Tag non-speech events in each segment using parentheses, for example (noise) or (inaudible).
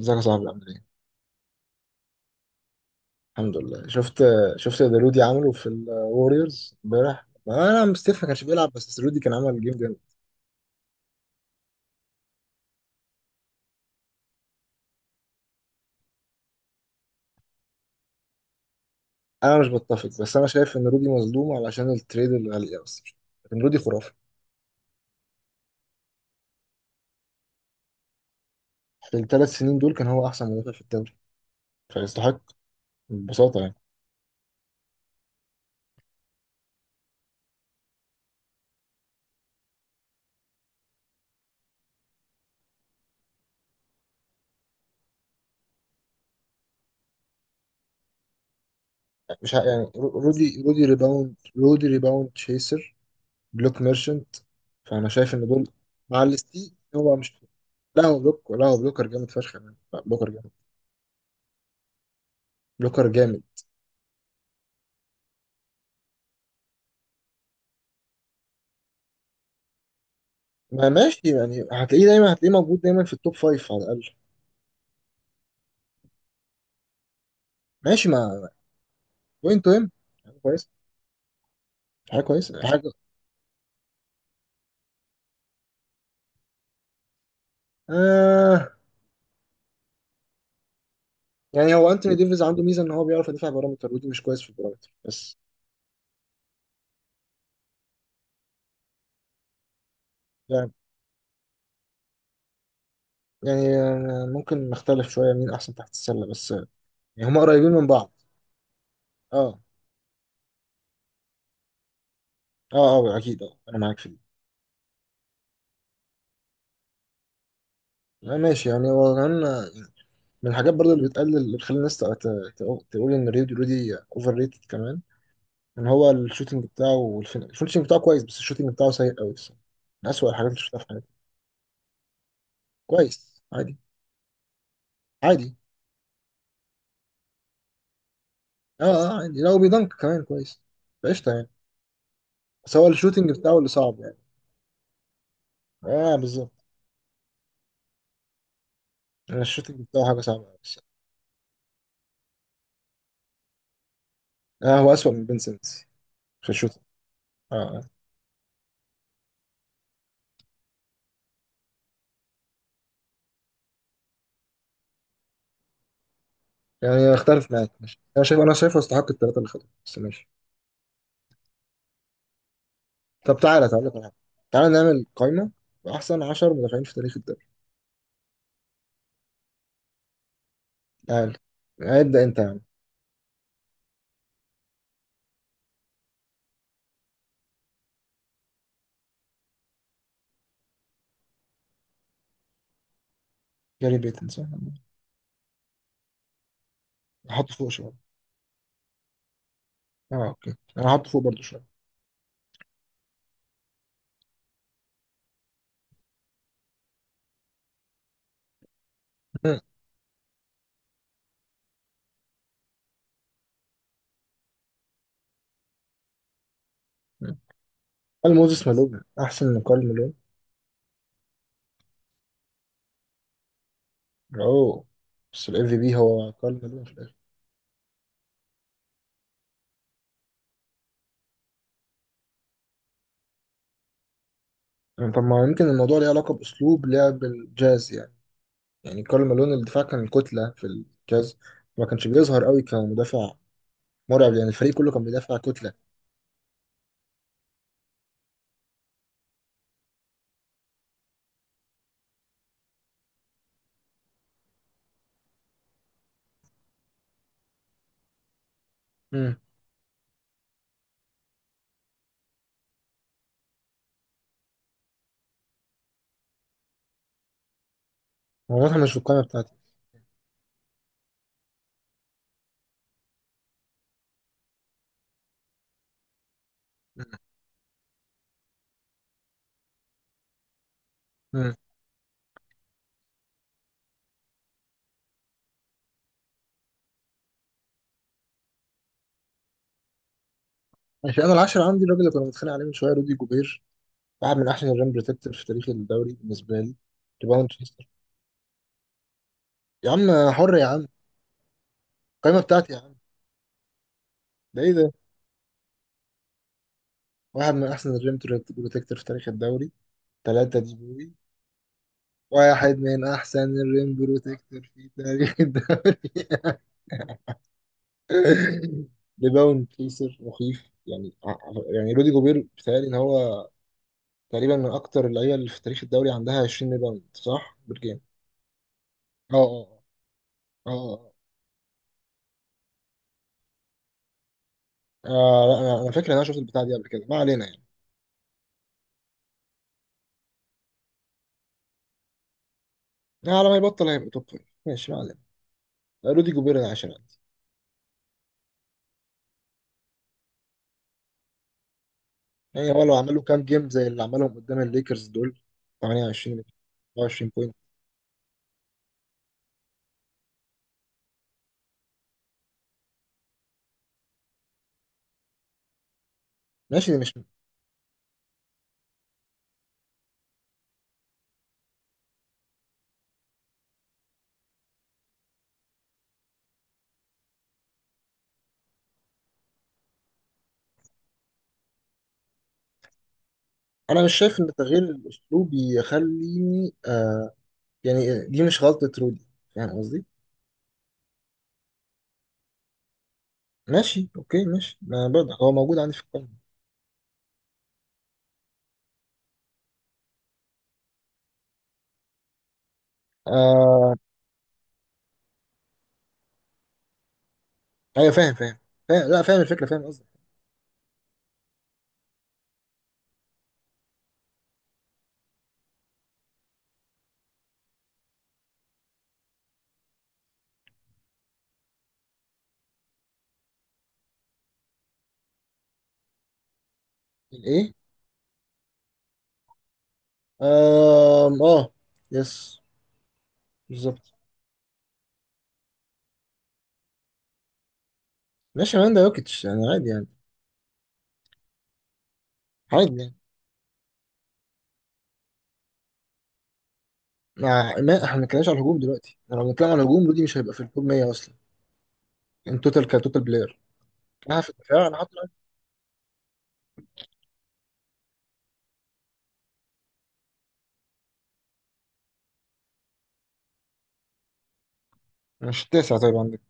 ازيك يا صاحبي؟ عامل ايه؟ الحمد لله. شفت دلودي عمله في الوريورز امبارح؟ انا مستيف ما كانش بيلعب، بس رودي كان عمل جيم جامد. انا مش بتفق، بس انا شايف ان رودي مظلوم علشان التريد الغالية بس، لكن رودي خرافي. في الثلاث سنين دول كان هو احسن مدافع في الدوري، فيستحق ببساطة يعني. مش ه- يعني رو- رودي ريباوند، رودي ريباوند تشيسر، بلوك ميرشنت. فانا شايف ان دول مع الاستي. هو مش، لا هو بلوك، لا هو بلوكر جامد فشخ يعني، لا، بلوكر جامد. بلوكر جامد. ما ماشي، يعني هتلاقيه دايما، هتلاقيه موجود دايما في التوب فايف على الأقل. ماشي مع بوينت ويم. حاجة كويس، حاجة كويس، حاجة. آه. يعني هو أنتوني ديفيز عنده ميزة إن هو بيعرف يدافع بارامتر، ودي مش كويس في البارامتر بس. يعني، ممكن نختلف شوية مين أحسن تحت السلة، بس آه، يعني هما قريبين من بعض. أه. أه. أه أكيد، أه، أنا معاك في دي. آه، ماشي، يعني هو كمان آه، من الحاجات برضو اللي بتقلل، اللي بتخلي الناس تقول إن رودي، أوفر ريتد كمان، ان هو الشوتينج بتاعه الفينشنج بتاعه كويس، بس الشوتينج بتاعه سيء قوي الصراحه. من اسوء الحاجات اللي شفتها في حياتي. كويس عادي. عادي. اه اه، عادي، لو بيدنك كمان كويس. قشطه يعني. بس هو الشوتينج بتاعه اللي صعب يعني. اه بالظبط. أنا الشوتينج بتاعه حاجه صعبه قوي الصراحة. اه، هو اسوء من بنسنس في الشوتينج. اه آه. يعني اختلف معاك، ماشي، انا شايفه يستحق الثلاثه اللي خدوهم، بس ماشي. طب، تعالى، تعالى نعمل قائمه باحسن 10 مدافعين في تاريخ الدوري. تعالى. ابدا انت يا عم. جاري بيتنسون. احطه فوق شويه. اه اوكي، انا هحط فوق برضه شويه. مم. مم. كارل، موزيس مالون احسن من كارل مالون. اوه. بس الاف في بي هو كارل مالون في الاخر. يعني طب، ما يمكن الموضوع ليه علاقه باسلوب لعب الجاز يعني. يعني كارل مالون الدفاع كان كتله في الجاز، ما كانش بيظهر قوي كمدافع مرعب، لان الفريق كله كان بيدافع كتله. امم. هو واضح مش في القائمه بتاعتي. مم. مم. ماشي، انا العاشر عندي الراجل اللي كنا بنتخانق عليه من شويه، رودي جوبير، واحد من احسن الريم بروتكتور في تاريخ الدوري بالنسبه لي. ريباوند تشيستر. يا عم حر يا عم. القائمه بتاعتي يا عم. ده ايه ده؟ واحد من أحسن الريم بروتكتور في تاريخ الدوري، ثلاثة دي بوي. واحد من أحسن الريم بروتكتور في تاريخ الدوري. (laughs) ريباوند كيسر مخيف يعني. يعني رودي جوبير بيتهيألي إن هو تقريبا من أكتر اللعيبة اللي في تاريخ الدوري عندها 20 ريباوند، صح؟ بالجيم. اه اه. اه اه. آه، آه، لا، أنا فاكر إن أنا شفت البتاع دي قبل كده، ما علينا يعني. على ما يبطل هيبقى توب فايف، ماشي، ما علينا. رودي جوبير العاشر. يعني هو لو عملوا كام جيم زي اللي عملهم قدام الليكرز دول، 28، 24 بوينت. ماشي، دي مش، انا مش شايف ان تغيير الاسلوب يخليني آه. يعني دي مش غلطة رودي، فاهم قصدي. ماشي اوكي، ماشي، ما برضه هو موجود عندي في القائمة. آه، ايوه، فاهم، فاهم. فاهم، لا فاهم الفكرة، فاهم قصدي. الايه؟ آه اه. يس. بالظبط. ماشي مان، ده يوكيتش يعني، عادي يعني. عادي يعني، مع ما احنا ما بنتكلمش على الهجوم دلوقتي. احنا لو بنتكلم على الهجوم رودي مش هيبقى في التوب 100 اصلا، ان توتال كتوتال بلاير. لا، في الدفاع انا حاطه. مش التاسع طيب عندك؟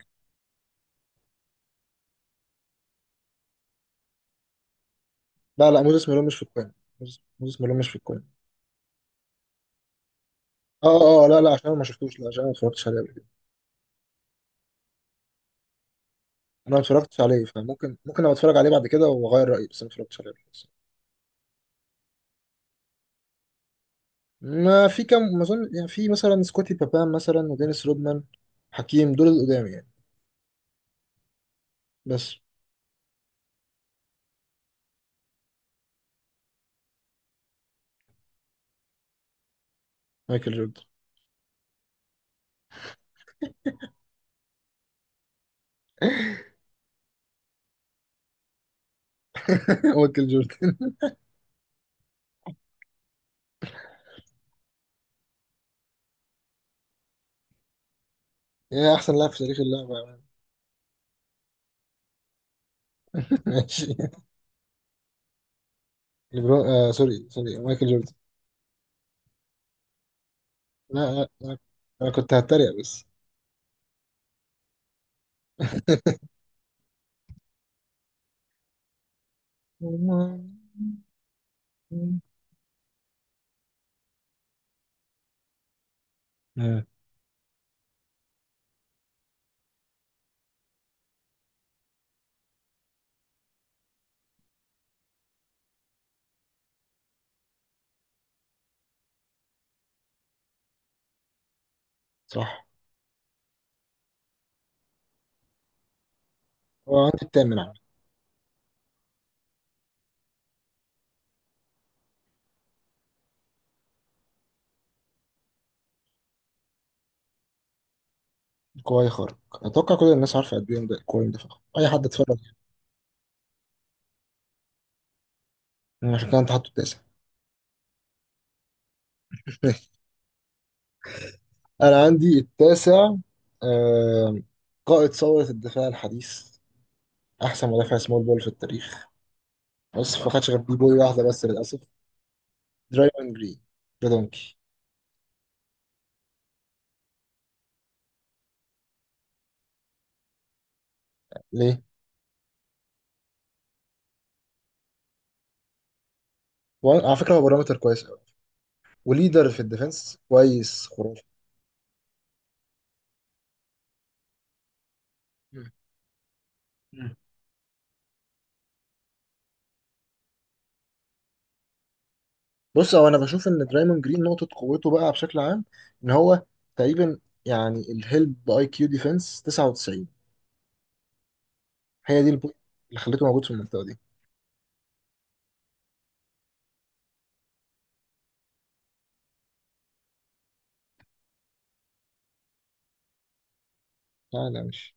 لا لا، موزيس ميلون مش في القائمه. موزيس ميلون مش في القائمه. اه اه آه، لا لا، عشان انا ما شفتوش، لا عشان انا ما اتفرجتش عليه قبل كده. انا ما اتفرجتش عليه، فممكن، ممكن ابقى اتفرج عليه بعد كده واغير رايي، بس انا ما اتفرجتش عليه قبل كده. ما في كام ما اظن يعني، في مثلا سكوتي بابان مثلا، ودينيس رودمان، حكيم، دول القدام يعني. بس. مايكل جوردن. (laughs) مايكل جوردن يا احسن لاعب في تاريخ اللعبه يا مان. ماشي. ليبرون، آه سوري سوري، مايكل جوردن. لا لا لا، انا كنت هتريق بس. (laughs) آه. صح. هو عندي التامن عام. الكواي خارق، اتوقع كل الناس عارفه قد ايه ده الكواي، ده فخم، اي حد اتفرج. يعني عشان كده انت حاطه التاسع. (laughs) انا عندي التاسع آه... قائد ثوره الدفاع الحديث، احسن مدافع سمول بول في التاريخ، بس ما خدش غير دي بوي واحده بس للاسف. درايفن جرين. ريدونكي. ليه؟ وعلى فكره هو بارامتر كويس قوي، وليدر في الديفense كويس خرافي. مم. بص، هو انا بشوف ان درايموند جرين نقطه قوته، بقى بشكل عام ان هو تقريبا، يعني الهيلب اي كيو ديفense 99، هي دي البوينت اللي خليته موجود في المنطقه دي. لا لا مش